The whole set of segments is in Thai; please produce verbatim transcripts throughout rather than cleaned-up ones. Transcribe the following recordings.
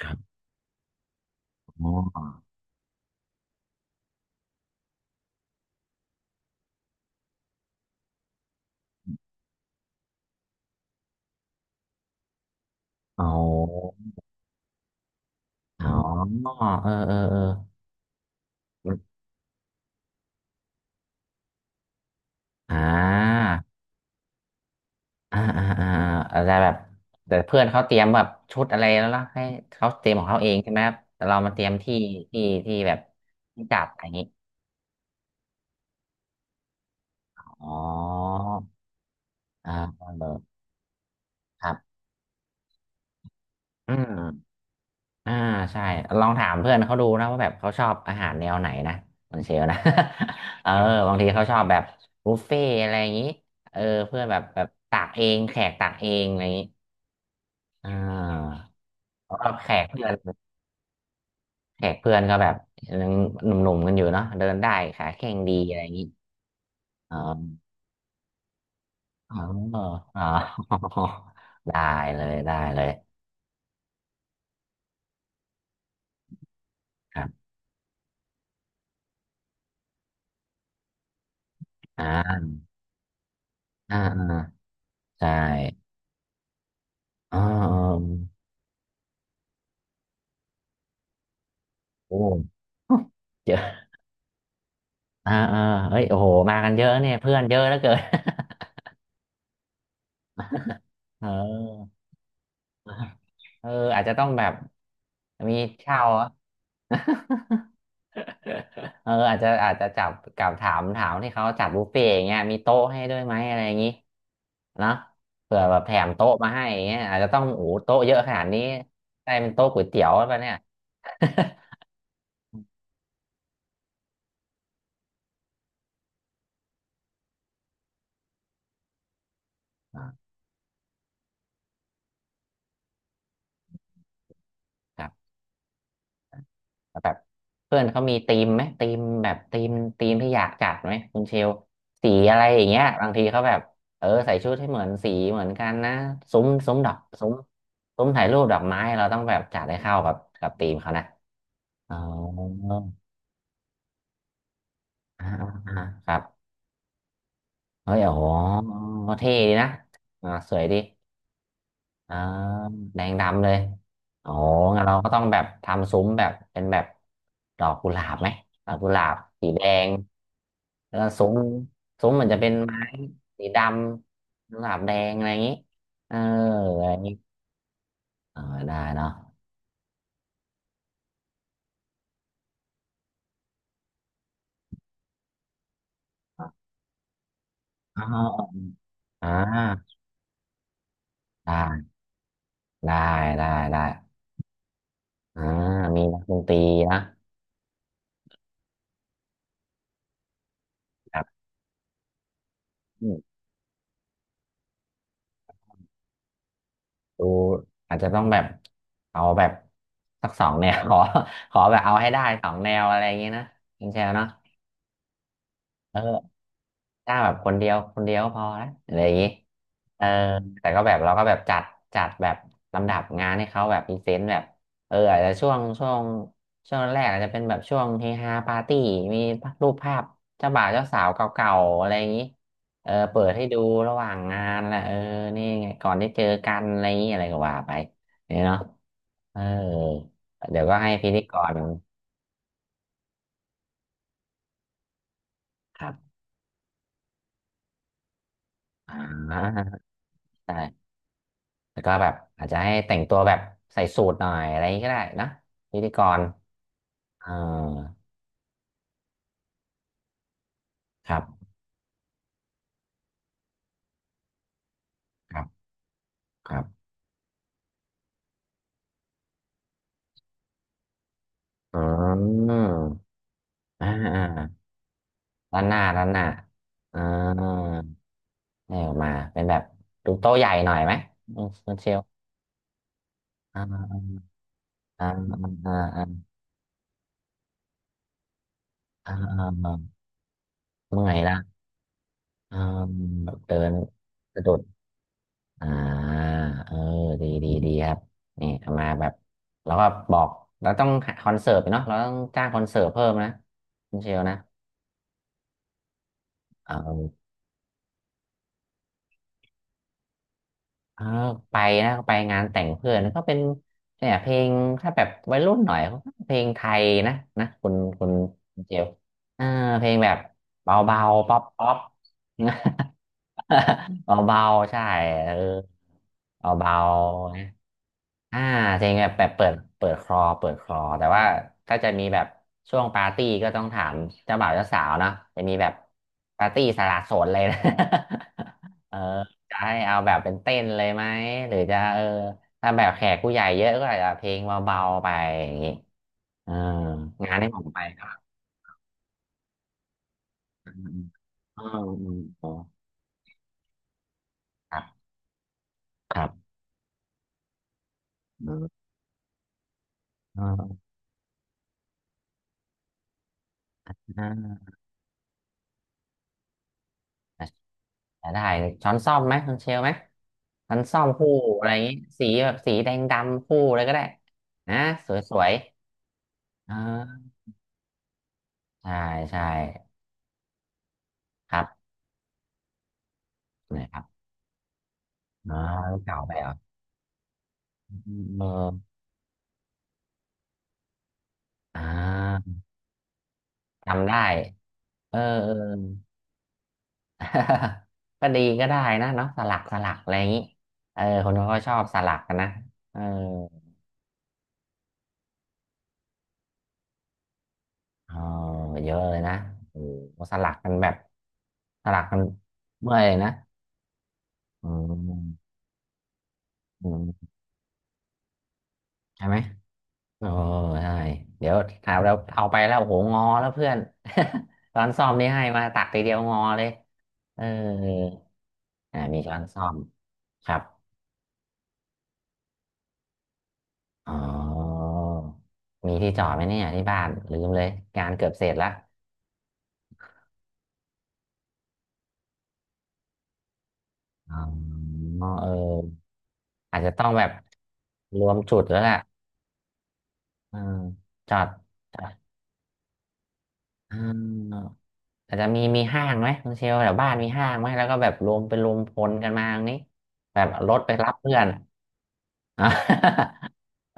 ครับอ๋ออ๋ออ๋อเออเออเอออ่าอ่าอ่าอ่าอาจจะแบบแต่เพื่อนเขาเตรียมแบบชุดอะไรแล้วล่ะให้เขาเตรียมของเขาเองใช่ไหมครับแต่เรามาเตรียมที่ที่ที่แบบที่จัดอะไรอย่างนี้อ๋ออ่าเออครับอืม อ่าใช่ลองถามเพื่อนเขาดูนะว่าแบบเขาชอบอาหารแนวไหนนะคนเชลนะ เออบางทีเขาชอบแบบบุฟเฟ่อะไรอย่างนี้เออเพื่อนแบบแบบตักเองแขกตักเองอะไรอย่างนี้อ่าเพราะว่าแขกเพื่อนแขกเพื่อนก็แบบยังหนุ่มๆกันอยู่เนาะเดินได้ขาแข็งดีอะไรอย่างนี้อ๋ออ๋ออ๋อ ได้เลยได้เลยครับอ่าอ่าอ่าใช่อ๋อโอ้ เจอ อ่าเออเฮ้ยโอ้โหมากันเยอะเนี่ยเพื่อนเยอะเหลือเกิน เออเอออาจจะต้องแบบมีเช่าอะ เอออาจจะอาจจะจับกับถามถามที่เขาจัดบุฟเฟ่ต์อย่างเงี้ยมีโต๊ะให้ด้วยไหมอะไรอย่างงี้เนาะเผื่อแบบแถมโต๊ะมาให้อย่างเงี้ยอาจจะต้องโอ้โหโต๊ะเยอะขนาดนี้ได้เป็นโต๊ะก๋วยเตี๋ยวแล้วปะเนี่ย อ่าครับ แล้วแบบเพื่อนเขามีธีมไหมธีมแบบธีมธีมที่อยากจัดไหมคุณเชลสีอะไรอย่างเงี้ยบางทีเขาแบบเออใส่ชุดให้เหมือนสีเหมือนกันนะซุ้มซุ้มดอกซุ้มซุ้มถ่ายรูปดอกไม้เราต้องแบบจัดให้เข้ากับกับธีมเขานะอ๋ออ่าอ่าครับเฮ้ยโอ้โหเท่ดีนะอ่าสวยดีอ่าแดงดำเลยโอ้งั้นเราก็ต้องแบบทำซุ้มแบบเป็นแบบดอกกุหลาบไหมดอกกุหลาบสีแดง แล้วซุ้มซุ้มมันจะเป็นไม้สีดำสลับแดงอะไรอย่างนี้เอออะไรอย่างนี้เออได้เนาะอ๋ออ่าได้ได้ได้ได้อ่ามีนักดนตรีนะแบบอืมดูอาจจะต้องแบบเอาแบบสักสองแนว ขอขอแบบเอาให้ได้สองแนวอะไรอย่างนี้นะคุณแชร์เนาะเออ ถ้าแบบคนเดียวคนเดียวก็พอนะอะไรอย่างนี้เออแต่ก็แบบเราก็แบบจัดจัดแบบลำดับงานให้เขาแบบพรีเซนต์แบบเอออาจจะช่วงช่วงช่วงแรกอาจจะเป็นแบบช่วงเฮฮาปาร์ตี้มีรูปภาพเจ้าบ่าวเจ้าสาวเก่าๆอะไรอย่างนี้เออเปิดให้ดูระหว่างงานแหละเออนี่ไงก่อนได้เจอกันอะไรอย่างนี้อะไรก็ว่าไปเนี่ยเนาะเออเดี๋ยวก็ให้พิธีกรครับอ่าใช่ แล้วก็แบบอาจจะให้แต่งตัวแบบใส่สูทหน่อยอะไรอย่างนี้ก็ได้นะพิธีกรเออครับครับครับอืมอ่าอ่าด้านหน้าด้านหน้าอ่าให้ออกมาเป็นแบบดูโต๊ะใหญ่หน่อยไหมอืมคุณเชลอ่าอ่าอ่าอ่าอ่าอ่าเมื่อยละอ่าแบบเดินสะดุด อ่าเออดีดีดีครับนี่เอามาแบบแล้วก็บอกเราต้องหาคอนเสิร์ตเนาะเราต้องจ้างคอนเสิร์ตเพิ่มนะคุณเชลนะเออเออไปนะไปงานแต่งเพื่อนก็เป็นเนี่ยเพลงถ้าแบบวัยรุ่นหน่อยเขาก็เพลงไทยนะนะคุณคุณคุณเชลเออเพลงแบบเบาๆป๊อปป๊อป เบาๆใช่เออเบาๆ อ่าเพลงแบบแบบเปิดเปิดคลอเปิดคลอแต่ว่าถ้าจะมีแบบช่วงปาร์ตี้ก็ต้องถามเจ้าบ่าวเจ้าสาวเนาะจะมีแบบปาร์ตี้สละโสดเลยนะ เออจะให้เอาแบบเป็นเต้นเลยไหมหรือจะเออถ้าแบบแขกผู้ใหญ่เยอะก็อาจจะเพลงเบาๆไปอย่างงี้เอองานให้ผมไปก็อืมอืมอืมอืมออครับครับอืม จะได้ช้อนส้อมไหมช้อนเชลไหมช้อนส้อมคู่อะไรอย่างงี้สีแบบสีแดงดำคู่อะไรก็ได้นะสวยๆเอ่าใช่ใช่ครับนะครับอ๋อเก่าไปเหรอเอออ่าจำได้เออเออ ก็ดีก็ได้นะเนาะสลักสลักอะไรอย่างนี้เออคนเขาก็ชอบสลักกันนะเออเอ๋อเยอะเลยนะโอ้โหสลักกันแบบสลักกันเมื่อยเลยนะอืม อืมใช่ไหมโอ้ใช่เดี๋ยวถามเราเอาไปแล้วโอ้โหงอแล้วเพื่อน ช้อนซ่อมนี่ให้มาตักทีเดียวงอเลยเอออ่ามีช้อนซ่อมครับอ๋อมีที่จอดไหมเนี่ยที่บ้านลืมเลยงานเกือบเสร็จละอ๋อเอออาจจะต้องแบบรวมจุดแล้วแหละเออจอดจอดอ่า อาจจะมีมีห้างไหมคุณเชลแถวบ้านมีห้างไหมแล้วก็แบบรวมเป็นรวมพลกันมาอย่างนี้แบบรถไปรับเพื่อน อะอ่ะ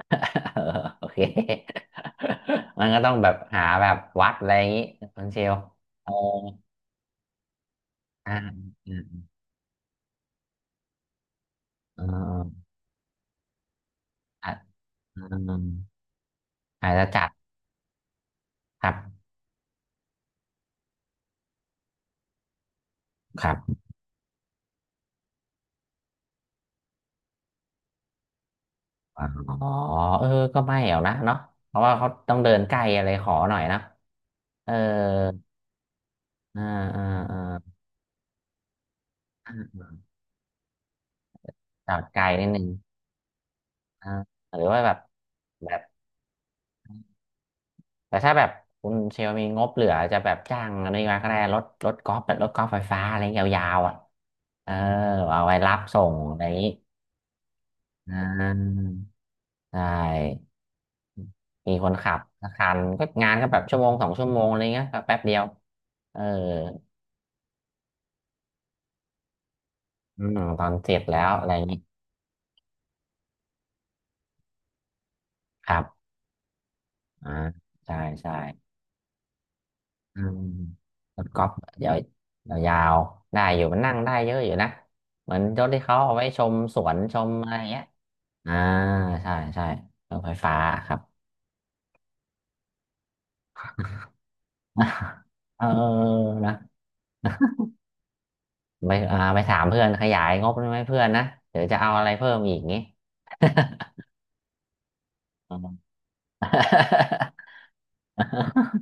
โอเคมันก็ต้องแบบหาแบบวัดอะไรอย่างนี้คุณเชลเอออ่าอ่าอ่าอ่าอ่าอาจจะจัดครับครับอ๋อเออก็ไม่เอานะเนาะเพราะว่าเขาต้องเดินไกลอะไรขอหน่อยนะเอออ่าอ่าอ่าจอดไกลนิดนึง อ่าหรือว่าแบบแบบแต่ถ้าแบบคุณเชลมีงบเหลือจะแบบจ้างอะไรมาก็ได้รถรถกอล์ฟแบบรถกอล์ฟไฟฟ้าอะไรยาวๆอ่ะเออเอาไว้รับส่งอะไรอย่างนี้อ่าใช่มีคนขับสักคันก็งานก็แบบชั่วโมงสองชั่วโมงอะไรเงี้ยก็แป๊บเดียวเอออืมตอนเสร็จแล้วอะไรอย่างนี้ครับอ่าใช่ใช่ อืมรถก๊อล์ฟเดี๋ยวยาวๆได้อยู่มันนั่งได้เยอะอยู่นะเหมือนรถที่เขาเอาไว้ชมสวนชมอะไรเงี้ยอ่าใช่ใช่รถไฟฟ้าครับ เออนะไปอ่าไปถามเพื่อนขยายงบได้ไหมเพื่อนนะเดี๋ยวจะเอาอะไรเพิ่มอีกงี้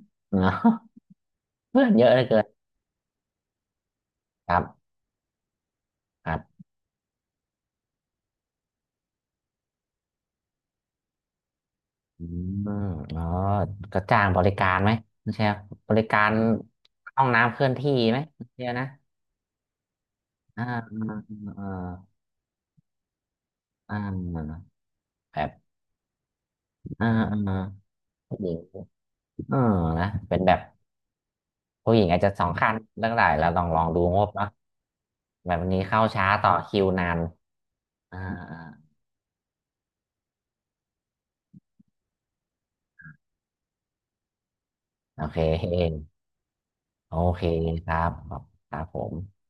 เนอะเพื่อนเยอะเหลือเกินครับ อืมอ๋อก็จ้างบริการไหมคุณเชียร์บริการห้องน้ำเคลื่อนที่ไหมคุณเชียร์นะอ่าอ่าอ่าอ่าแบบอ่าอ่าผู้หญิงเออนะเป็นแบบผู้หญิงอาจจะสองคันเรื่องไหนแล้วลองลองดูงบเนาะแบบวันนี้เข้าช้าต่อคิวนานอ่าอ่าโอเคโอเคครับครับผม